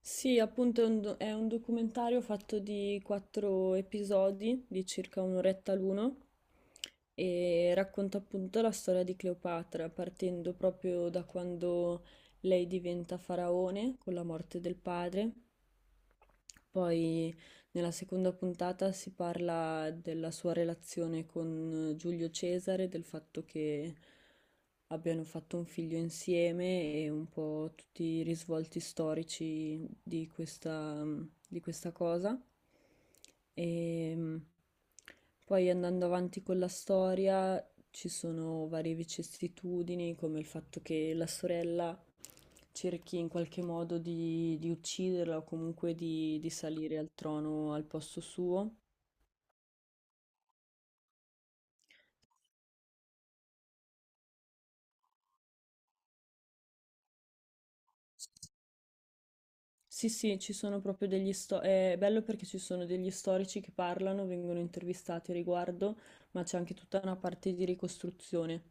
Sì, appunto è un documentario fatto di quattro episodi di circa un'oretta l'uno e racconta appunto la storia di Cleopatra, partendo proprio da quando lei diventa faraone con la morte del padre. Poi nella seconda puntata si parla della sua relazione con Giulio Cesare, del fatto che abbiano fatto un figlio insieme e un po' tutti i risvolti storici di questa cosa. E mm, Poi andando avanti con la storia ci sono varie vicissitudini, come il fatto che la sorella cerchi in qualche modo di ucciderla o comunque di salire al trono al posto suo. Sì, sì, ci sono proprio degli sto è bello perché ci sono degli storici che parlano, vengono intervistati a riguardo, ma c'è anche tutta una parte di ricostruzione.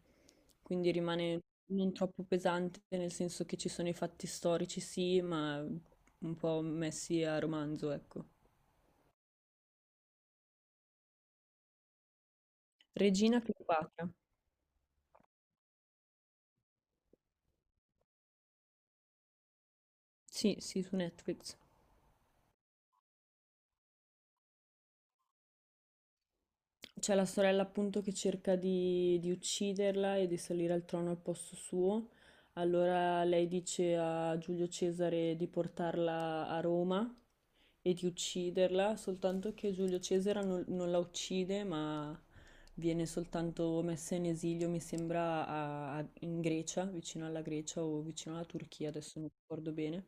Quindi rimane non troppo pesante, nel senso che ci sono i fatti storici, sì, ma un po' messi a romanzo, ecco. Regina Cleopatra. Sì, sì, su Netflix. C'è la sorella appunto che cerca di ucciderla e di salire al trono al posto suo. Allora lei dice a Giulio Cesare di portarla a Roma e di ucciderla, soltanto che Giulio Cesare non la uccide, ma viene soltanto messa in esilio, mi sembra, in Grecia, vicino alla Grecia o vicino alla Turchia, adesso non ricordo bene.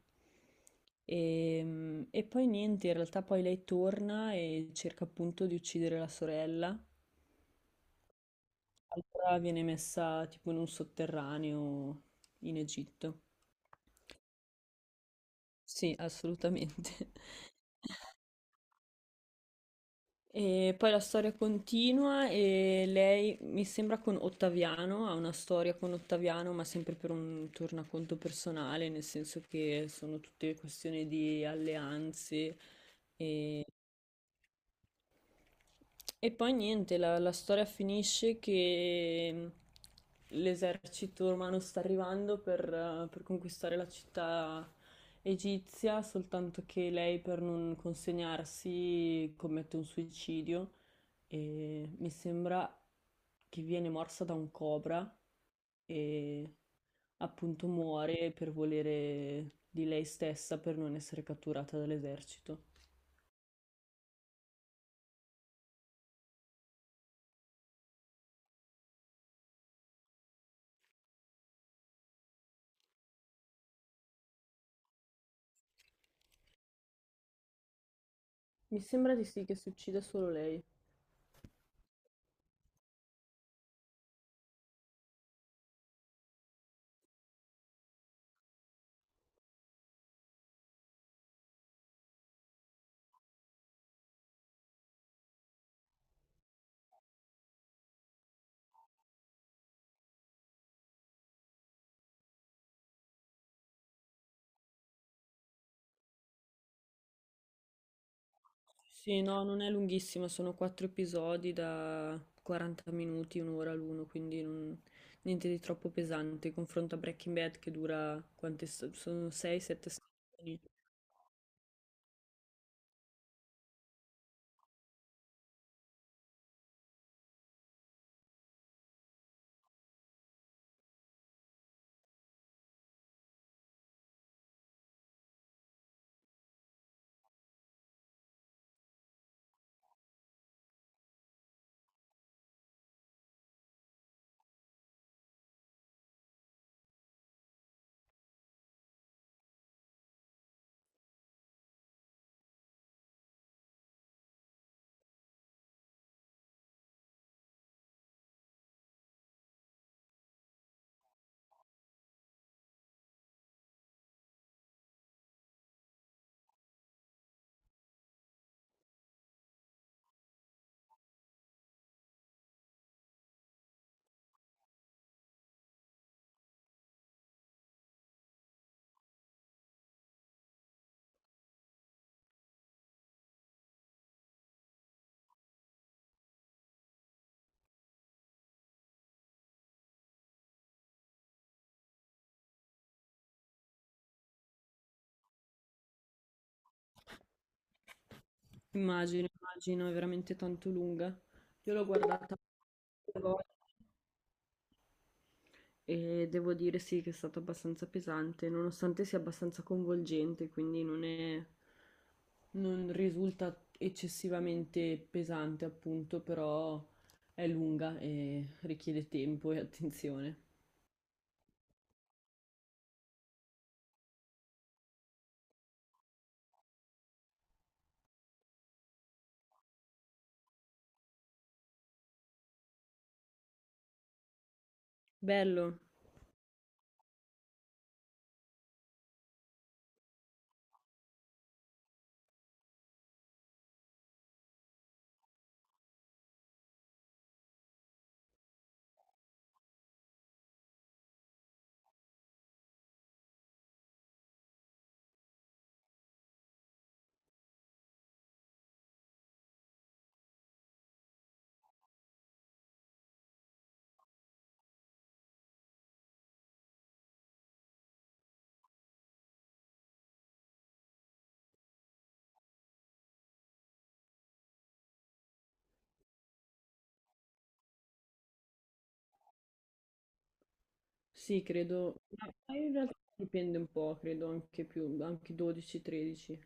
E poi niente, in realtà poi lei torna e cerca appunto di uccidere la sorella. Allora viene messa tipo in un sotterraneo in Egitto. Sì, assolutamente. E poi la storia continua e lei, mi sembra con Ottaviano, ha una storia con Ottaviano, ma sempre per un tornaconto personale, nel senso che sono tutte questioni di alleanze. E, e poi niente, la storia finisce che l'esercito romano sta arrivando per conquistare la città egizia, soltanto che lei per non consegnarsi commette un suicidio e mi sembra che viene morsa da un cobra e appunto muore per volere di lei stessa per non essere catturata dall'esercito. Mi sembra di sì che si uccida solo lei. Sì, no, non è lunghissima, sono quattro episodi da 40 minuti, un'ora l'uno, quindi niente di troppo pesante. Confronto a Breaking Bad che dura sono 6-7 stagioni. Immagino, immagino, è veramente tanto lunga. Io l'ho guardata due volte e devo dire sì che è stata abbastanza pesante, nonostante sia abbastanza coinvolgente, quindi non risulta eccessivamente pesante, appunto, però è lunga e richiede tempo e attenzione. Bello, sì, credo, ma in realtà dipende un po', credo anche più, anche 12-13.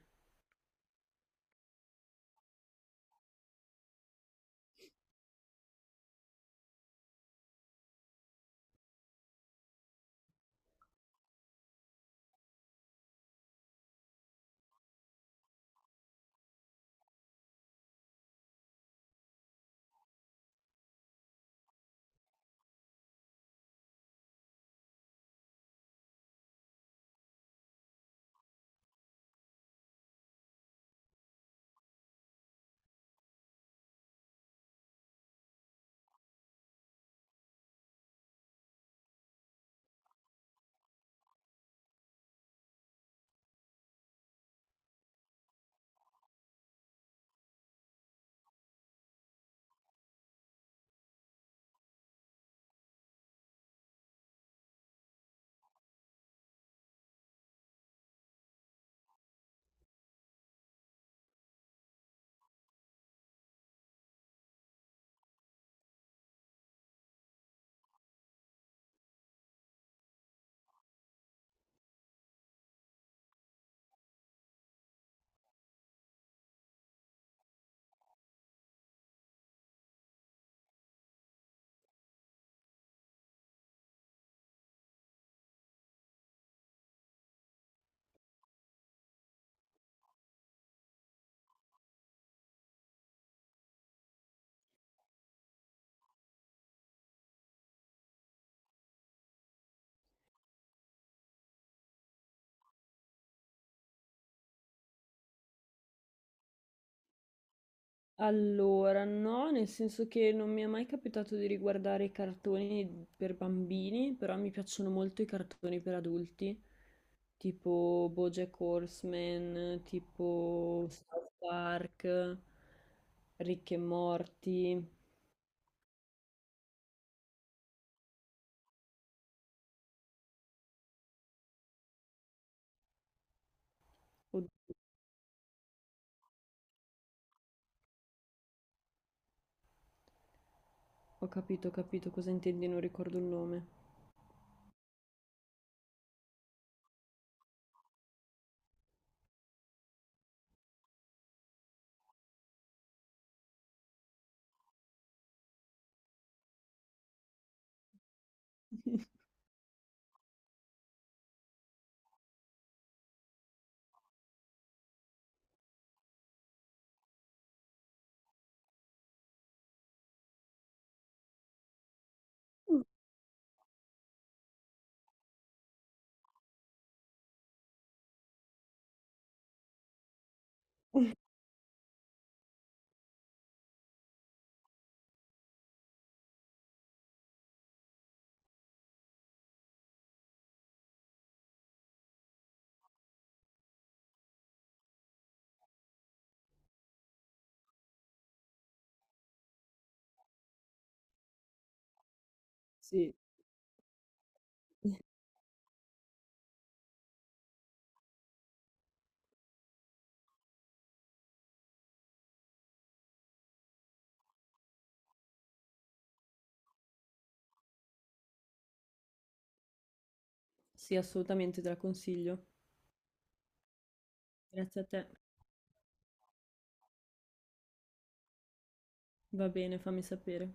Allora, no, nel senso che non mi è mai capitato di riguardare i cartoni per bambini, però mi piacciono molto i cartoni per adulti, tipo BoJack Horseman, tipo South Park, Rick e Morty. Oddio, ho capito cosa intendi, non ricordo il nome. Sì. Sì, assolutamente te la consiglio. Grazie a te. Va bene, fammi sapere.